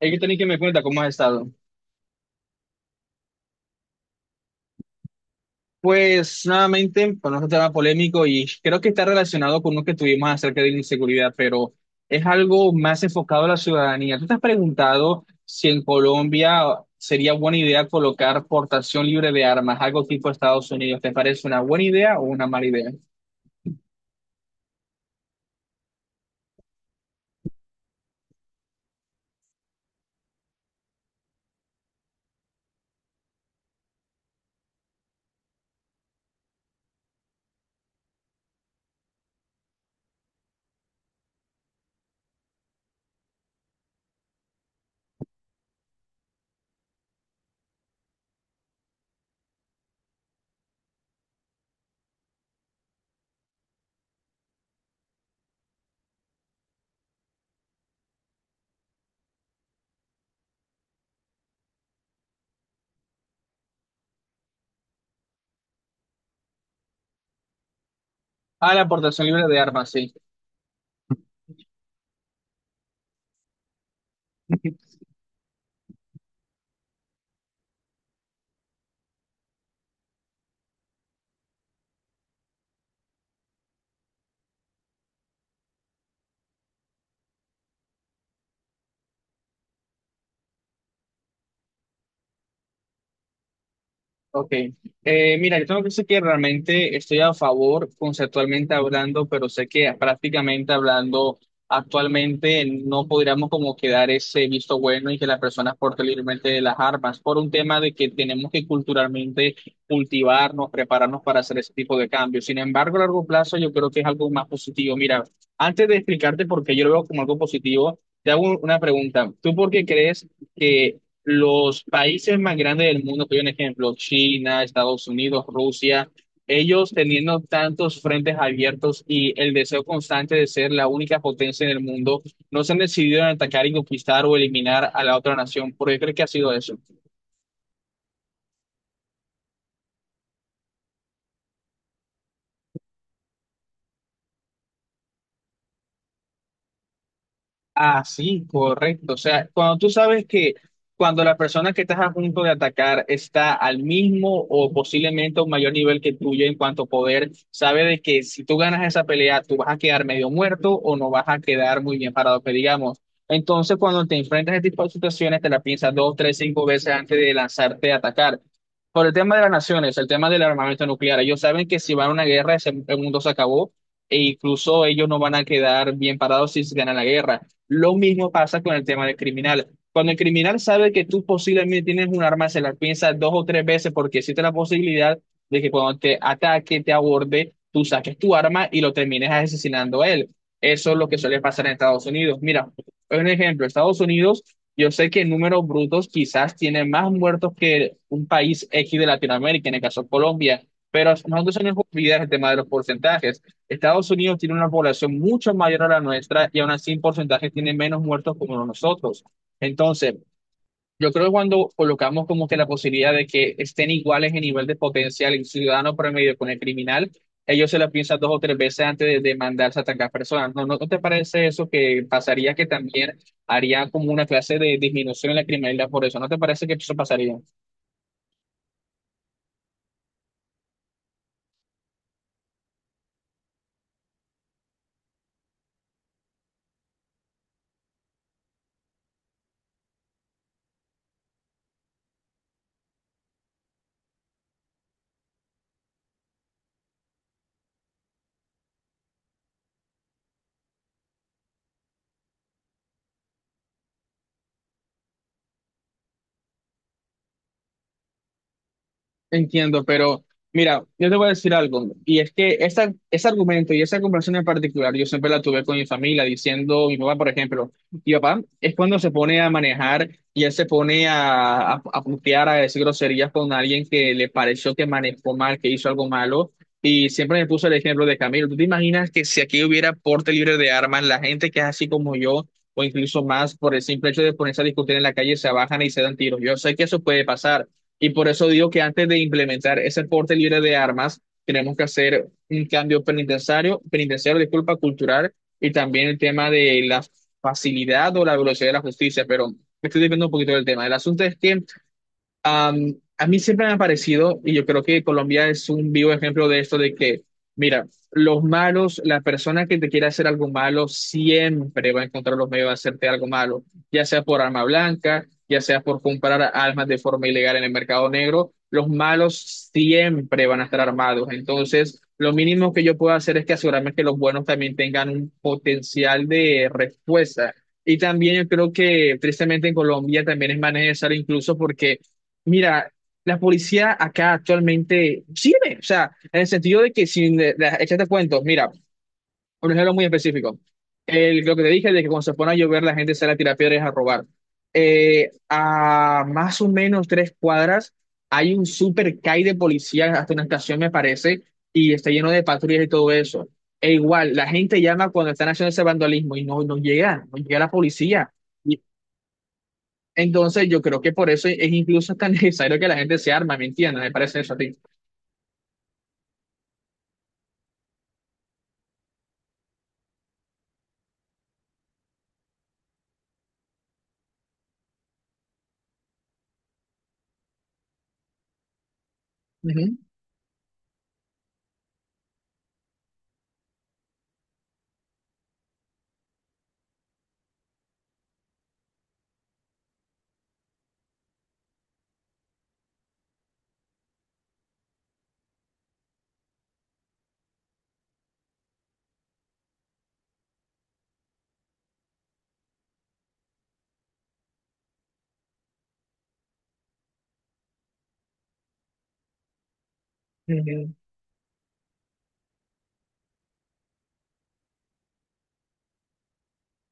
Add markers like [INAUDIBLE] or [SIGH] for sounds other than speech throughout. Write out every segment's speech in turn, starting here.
Hay que tener que me cuenta cómo has estado. Pues nuevamente, con otro tema polémico y creo que está relacionado con lo que tuvimos acerca de la inseguridad, pero es algo más enfocado a la ciudadanía. ¿Tú te has preguntado si en Colombia sería buena idea colocar portación libre de armas, algo tipo Estados Unidos? ¿Te parece una buena idea o una mala idea? Ah, la portación libre de armas, sí. Ok. Mira, yo tengo que decir que realmente estoy a favor conceptualmente hablando, pero sé que prácticamente hablando actualmente no podríamos como quedar ese visto bueno y que las personas porten libremente las armas por un tema de que tenemos que culturalmente cultivarnos, prepararnos para hacer ese tipo de cambios. Sin embargo, a largo plazo yo creo que es algo más positivo. Mira, antes de explicarte por qué yo lo veo como algo positivo, te hago una pregunta. ¿Tú por qué crees que los países más grandes del mundo, que hay un ejemplo, China, Estados Unidos, Rusia, ellos teniendo tantos frentes abiertos y el deseo constante de ser la única potencia en el mundo, no se han decidido en atacar y conquistar o eliminar a la otra nación? ¿Por qué creo que ha sido eso? Así, correcto. O sea, cuando tú sabes que cuando la persona que estás a punto de atacar está al mismo o posiblemente a un mayor nivel que tuyo en cuanto a poder, sabe de que si tú ganas esa pelea, tú vas a quedar medio muerto o no vas a quedar muy bien parado, que digamos. Entonces, cuando te enfrentas a este tipo de situaciones, te la piensas dos, tres, cinco veces antes de lanzarte a atacar. Por el tema de las naciones, el tema del armamento nuclear, ellos saben que si van a una guerra, el mundo se acabó e incluso ellos no van a quedar bien parados si se gana la guerra. Lo mismo pasa con el tema del criminal. Cuando el criminal sabe que tú posiblemente tienes un arma, se la piensa dos o tres veces porque existe la posibilidad de que cuando te ataque, te aborde, tú saques tu arma y lo termines asesinando a él. Eso es lo que suele pasar en Estados Unidos. Mira, un ejemplo, Estados Unidos, yo sé que en números brutos quizás tiene más muertos que un país X de Latinoamérica, en el caso de Colombia, pero nosotros se nos olvida el tema de los porcentajes. Estados Unidos tiene una población mucho mayor a la nuestra y aún así en porcentaje tiene menos muertos como nosotros. Entonces, yo creo que cuando colocamos como que la posibilidad de que estén iguales en nivel de potencial el ciudadano promedio con el criminal, ellos se la piensan dos o tres veces antes de mandarse a atacar personas. ¿No te parece eso que pasaría que también haría como una clase de disminución en la criminalidad por eso? ¿No te parece que eso pasaría? Entiendo, pero mira, yo te voy a decir algo, y es que ese argumento y esa conversación en particular, yo siempre la tuve con mi familia, diciendo, mi papá, por ejemplo, mi papá es cuando se pone a manejar y él se pone a putear, a decir groserías con alguien que le pareció que manejó mal, que hizo algo malo, y siempre me puso el ejemplo de Camilo. ¿Tú te imaginas que si aquí hubiera porte libre de armas, la gente que es así como yo, o incluso más, por el simple hecho de ponerse a discutir en la calle, se bajan y se dan tiros? Yo sé que eso puede pasar. Y por eso digo que antes de implementar ese porte libre de armas, tenemos que hacer un cambio cultural, y también el tema de la facilidad o la velocidad de la justicia. Pero me estoy desviando un poquito del tema. El asunto es que a mí siempre me ha parecido, y yo creo que Colombia es un vivo ejemplo de esto, de que, mira, los malos, la persona que te quiere hacer algo malo, siempre va a encontrar los medios de hacerte algo malo, ya sea por arma blanca, ya sea por comprar armas de forma ilegal en el mercado negro, los malos siempre van a estar armados. Entonces, lo mínimo que yo puedo hacer es que asegurarme que los buenos también tengan un potencial de respuesta. Y también yo creo que tristemente en Colombia también es más necesario incluso porque mira, la policía acá actualmente sirve, o sea, en el sentido de que sin echarte cuentos, mira, un ejemplo muy específico. El, lo que te dije de que cuando se pone a llover la gente sale a tirar piedras a robar. A más o menos tres cuadras hay un super CAI de policía, hasta una estación me parece, y está lleno de patrullas y todo eso. E igual, la gente llama cuando están haciendo ese vandalismo y no llega, no llega la policía. Entonces, yo creo que por eso es incluso tan [LAUGHS] necesario que la gente se arma, ¿me entiendes? Me parece eso a ti. Ujú, ujú.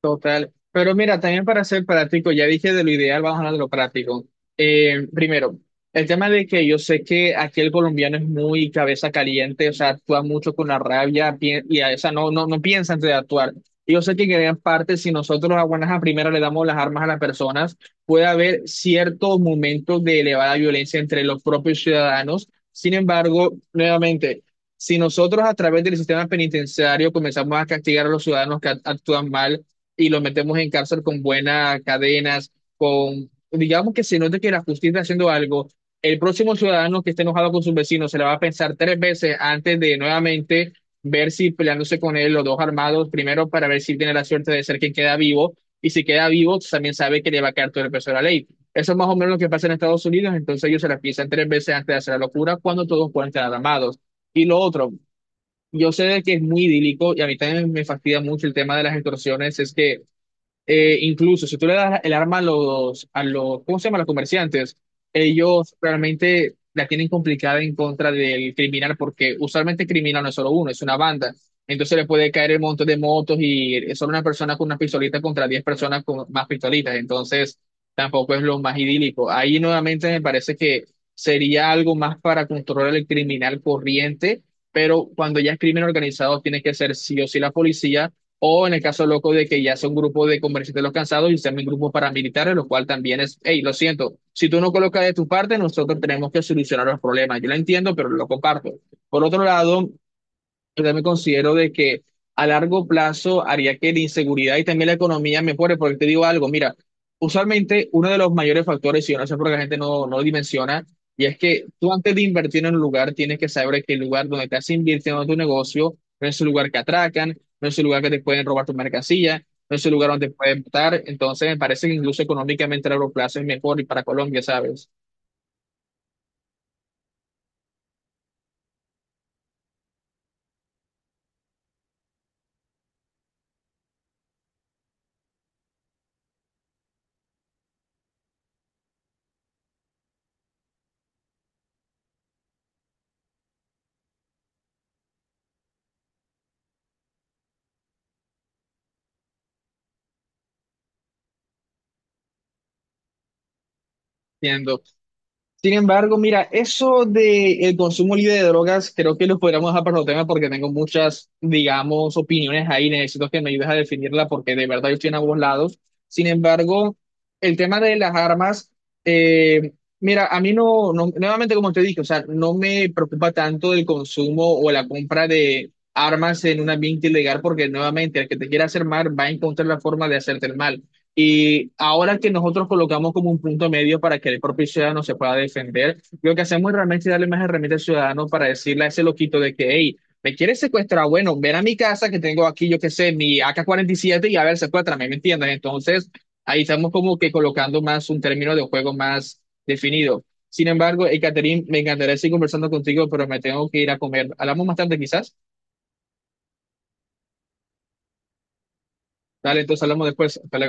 Total. Pero mira, también para ser práctico, ya dije de lo ideal, vamos a hablar de lo práctico. Primero, el tema de que yo sé que aquí el colombiano es muy cabeza caliente, o sea, actúa mucho con la rabia y a esa no piensa antes de actuar. Y yo sé que en gran parte, si nosotros a buenas a primeras le damos las armas a las personas, puede haber ciertos momentos de elevada violencia entre los propios ciudadanos. Sin embargo, nuevamente, si nosotros a través del sistema penitenciario comenzamos a castigar a los ciudadanos que actúan mal, y los metemos en cárcel con buenas cadenas, con, digamos que se note que la justicia está haciendo algo, el próximo ciudadano que esté enojado con sus vecinos se la va a pensar tres veces antes de nuevamente ver si peleándose con él los dos armados, primero para ver si tiene la suerte de ser quien queda vivo, y si queda vivo también sabe que le va a quedar todo el peso de la ley. Eso es más o menos lo que pasa en Estados Unidos, entonces ellos se la piensan tres veces antes de hacer la locura cuando todos pueden estar armados. Y lo otro, yo sé de que es muy idílico y a mí también me fastidia mucho el tema de las extorsiones, es que incluso si tú le das el arma a los, ¿cómo se llama? A los comerciantes, ellos realmente la tienen complicada en contra del criminal, porque usualmente el criminal no es solo uno, es una banda. Entonces le puede caer el montón de motos y es solo una persona con una pistolita contra 10 personas con más pistolitas. Entonces tampoco es lo más idílico. Ahí nuevamente me parece que sería algo más para controlar el criminal corriente, pero cuando ya es crimen organizado, tiene que ser sí o sí la policía o en el caso loco de que ya sea un grupo de comerciantes los cansados y sean mis grupos paramilitares, lo cual también es, hey, lo siento, si tú no colocas de tu parte, nosotros tenemos que solucionar los problemas. Yo lo entiendo, pero lo comparto. Por otro lado, yo también considero de que a largo plazo haría que la inseguridad y también la economía mejore, porque te digo algo, mira, usualmente uno de los mayores factores, y yo no sé por qué la gente no lo dimensiona, y es que tú antes de invertir en un lugar tienes que saber que el lugar donde estás invirtiendo tu negocio no es un lugar que atracan, no es un lugar que te pueden robar tu mercancía, no es un lugar donde te pueden matar, entonces me parece que incluso económicamente a largo plazo es mejor y para Colombia, ¿sabes? Entiendo. Sin embargo, mira, eso de el consumo libre de drogas, creo que lo podríamos dejar para otro tema porque tengo muchas, digamos, opiniones ahí. Necesito que me ayudes a definirla porque de verdad yo estoy en ambos lados. Sin embargo, el tema de las armas, eh, mira, a mí no, no, nuevamente como te dije, o sea, no me preocupa tanto el consumo o la compra de armas en un ambiente ilegal porque nuevamente el que te quiera hacer mal va a encontrar la forma de hacerte el mal. Y ahora que nosotros colocamos como un punto medio para que el propio ciudadano se pueda defender, lo que hacemos realmente es darle más herramientas al ciudadano para decirle a ese loquito de que, hey, me quieres secuestrar, bueno, ven a mi casa que tengo aquí, yo qué sé, mi AK-47 y a ver, secuéstrame, ¿me entiendes? Entonces, ahí estamos como que colocando más un término de juego más definido. Sin embargo, Catherine, me encantaría seguir conversando contigo, pero me tengo que ir a comer. Hablamos más tarde quizás. Dale, entonces hablamos después. Hasta luego.